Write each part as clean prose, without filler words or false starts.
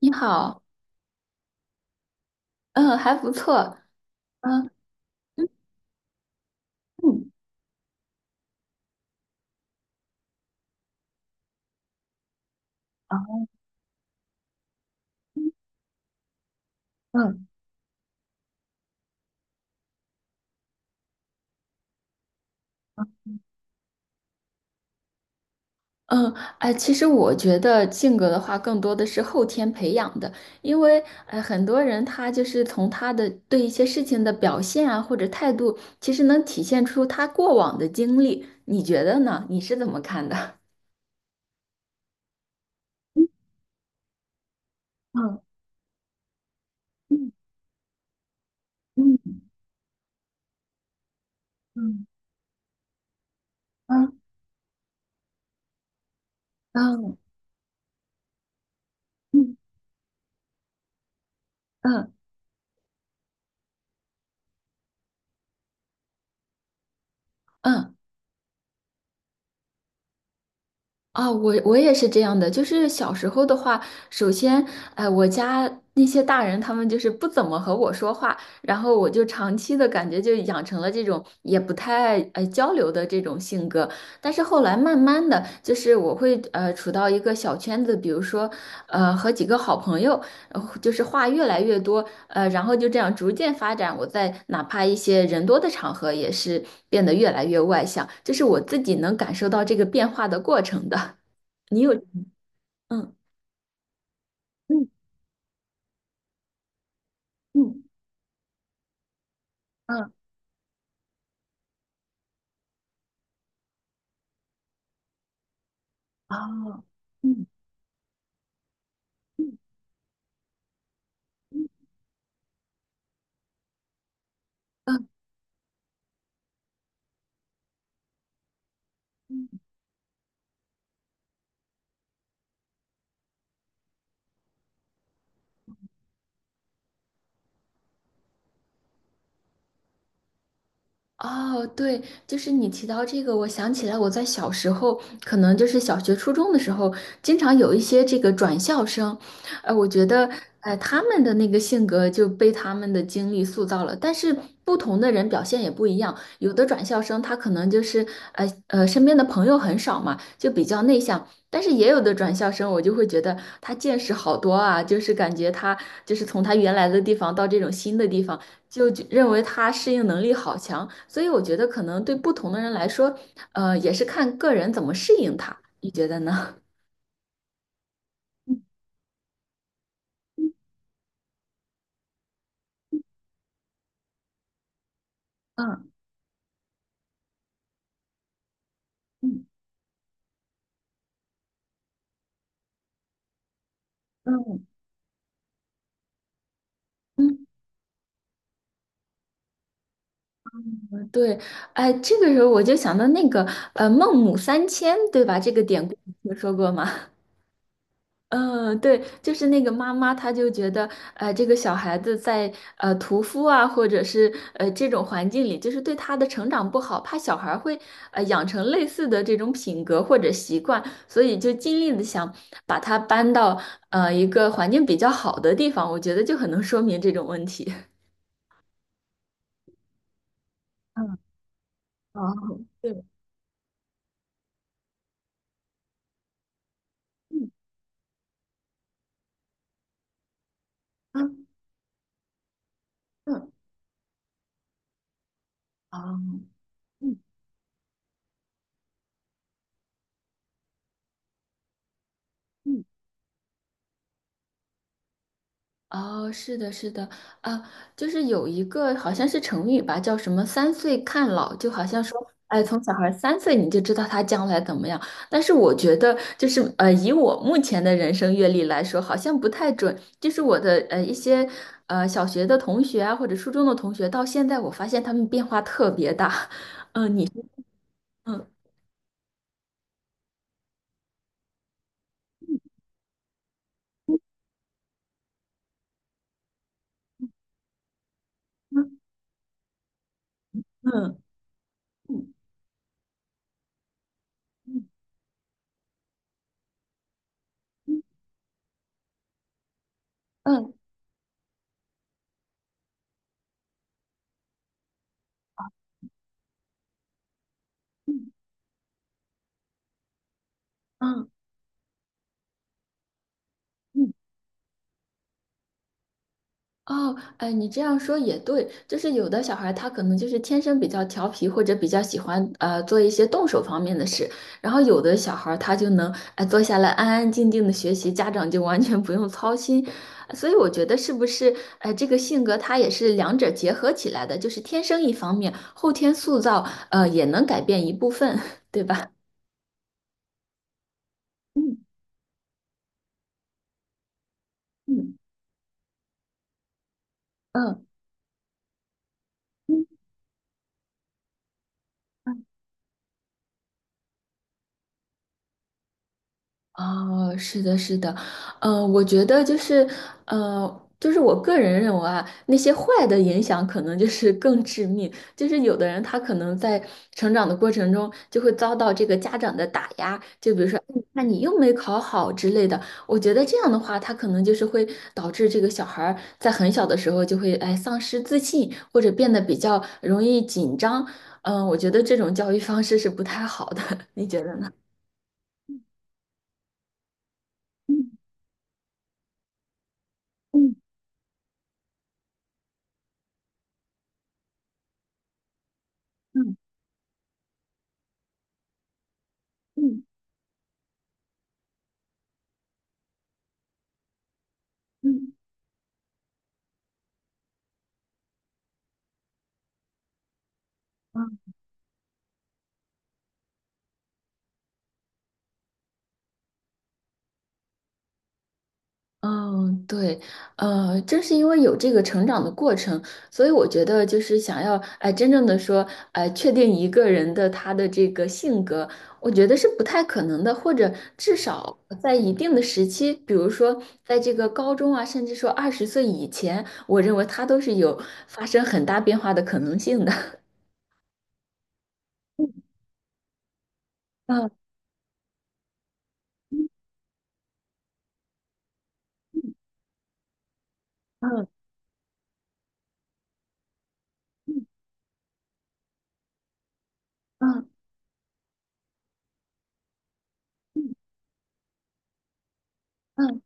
你好。嗯，还不错。嗯嗯嗯啊嗯嗯。哎，其实我觉得性格的话，更多的是后天培养的，因为很多人他就是从他的对一些事情的表现啊，或者态度，其实能体现出他过往的经历。你觉得呢？你是怎么看的？嗯嗯嗯嗯嗯嗯嗯嗯。啊，我也是这样的，就是小时候的话，首先，我家那些大人他们就是不怎么和我说话，然后我就长期的感觉就养成了这种也不太爱交流的这种性格。但是后来慢慢的，就是我会处到一个小圈子，比如说和几个好朋友，然后就是话越来越多，然后就这样逐渐发展。我在哪怕一些人多的场合，也是变得越来越外向，这是我自己能感受到这个变化的过程的。你有，嗯嗯嗯嗯，哦，嗯嗯嗯。哦，对，就是你提到这个，我想起来我在小时候，可能就是小学、初中的时候，经常有一些这个转校生，我觉得，他们的那个性格就被他们的经历塑造了，但是不同的人表现也不一样，有的转校生他可能就是，身边的朋友很少嘛，就比较内向，但是也有的转校生，我就会觉得他见识好多啊，就是感觉他就是从他原来的地方到这种新的地方。就认为他适应能力好强，所以我觉得可能对不同的人来说，也是看个人怎么适应他。你觉得呢？嗯嗯嗯嗯，嗯对，哎，这个时候我就想到那个孟母三迁，对吧？这个典故你听说过吗？嗯，对，就是那个妈妈，她就觉得，这个小孩子在屠夫啊，或者是这种环境里，就是对他的成长不好，怕小孩儿会养成类似的这种品格或者习惯，所以就尽力的想把他搬到一个环境比较好的地方，我觉得就很能说明这种问题。嗯，哦，对，嗯嗯，哦，嗯嗯。哦，是的，是的。啊，就是有一个好像是成语吧，叫什么“三岁看老”，就好像说，哎，从小孩三岁你就知道他将来怎么样。但是我觉得，就是以我目前的人生阅历来说，好像不太准。就是我的一些小学的同学啊，或者初中的同学，到现在我发现他们变化特别大。嗯、你，嗯嗯嗯嗯嗯嗯嗯嗯。嗯嗯哦，哎，你这样说也对，就是有的小孩他可能就是天生比较调皮，或者比较喜欢做一些动手方面的事，然后有的小孩他就能哎坐下来安安静静的学习，家长就完全不用操心，所以我觉得是不是哎这个性格他也是两者结合起来的，就是天生一方面，后天塑造也能改变一部分，对吧？嗯嗯嗯。嗯哦，是的，是的。嗯，我觉得就是，就是我个人认为啊，那些坏的影响可能就是更致命，就是有的人他可能在成长的过程中就会遭到这个家长的打压，就比如说，哎你那你又没考好之类的。我觉得这样的话，他可能就是会导致这个小孩儿在很小的时候就会哎丧失自信，或者变得比较容易紧张。嗯、我觉得这种教育方式是不太好的，你觉得呢？嗯嗯嗯嗯嗯。嗯，对，正是因为有这个成长的过程，所以我觉得就是想要，哎，真正的说，哎，确定一个人的他的这个性格，我觉得是不太可能的，或者至少在一定的时期，比如说在这个高中啊，甚至说20岁以前，我认为他都是有发生很大变化的可能性的。嗯嗯嗯嗯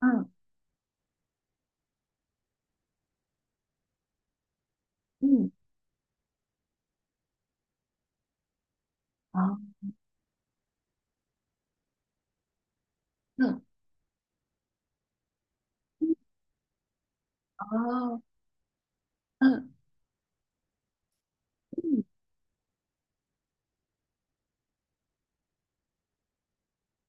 嗯嗯嗯，哦，嗯哦，嗯。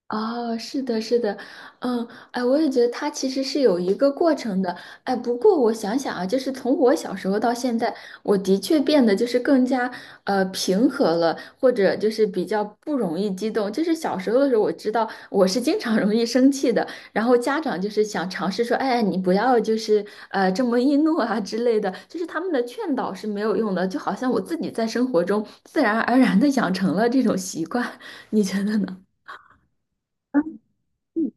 哦，是的，是的。嗯，哎，我也觉得他其实是有一个过程的，哎，不过我想想啊，就是从我小时候到现在，我的确变得就是更加平和了，或者就是比较不容易激动。就是小时候的时候，我知道我是经常容易生气的，然后家长就是想尝试说，哎，你不要就是这么易怒啊之类的，就是他们的劝导是没有用的，就好像我自己在生活中自然而然的养成了这种习惯，你觉得呢？嗯。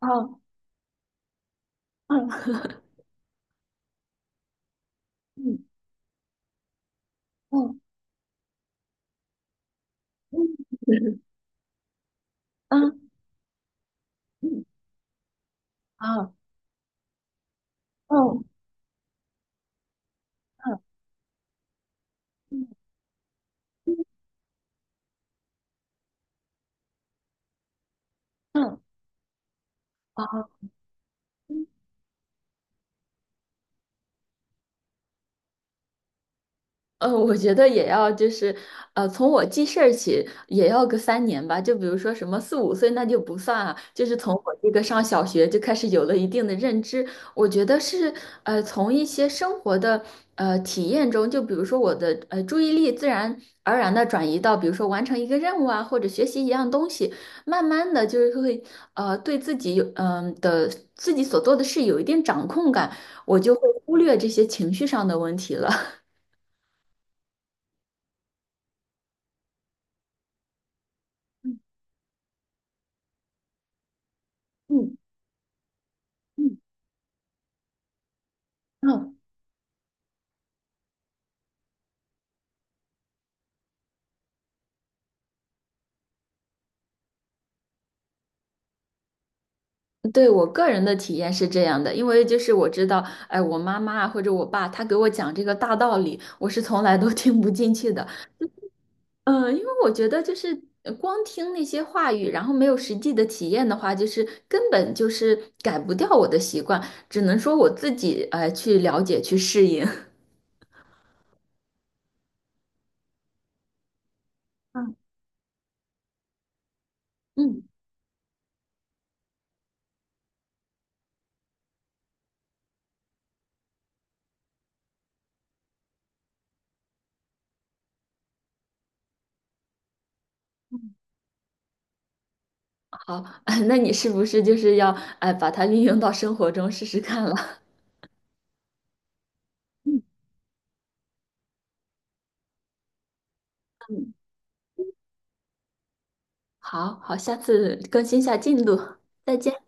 哦，嗯嗯嗯嗯嗯啊嗯啊嗯嗯嗯啊嗯。我觉得也要就是，从我记事儿起也要个3年吧。就比如说什么四五岁那就不算啊，就是从我这个上小学就开始有了一定的认知。我觉得是，从一些生活的体验中，就比如说我的注意力自然而然的转移到，比如说完成一个任务啊，或者学习一样东西，慢慢的就是会对自己有的自己所做的事有一定掌控感，我就会忽略这些情绪上的问题了。嗯。嗯，哦，对，我个人的体验是这样的，因为就是我知道，哎，我妈妈啊或者我爸，他给我讲这个大道理，我是从来都 听不进去的。嗯，因为我觉得就是光听那些话语，然后没有实际的体验的话，就是根本就是改不掉我的习惯，只能说我自己去了解去适应。嗯嗯，好，那你是不是就是要哎把它运用到生活中试试看了？嗯，好好，下次更新一下进度，再见。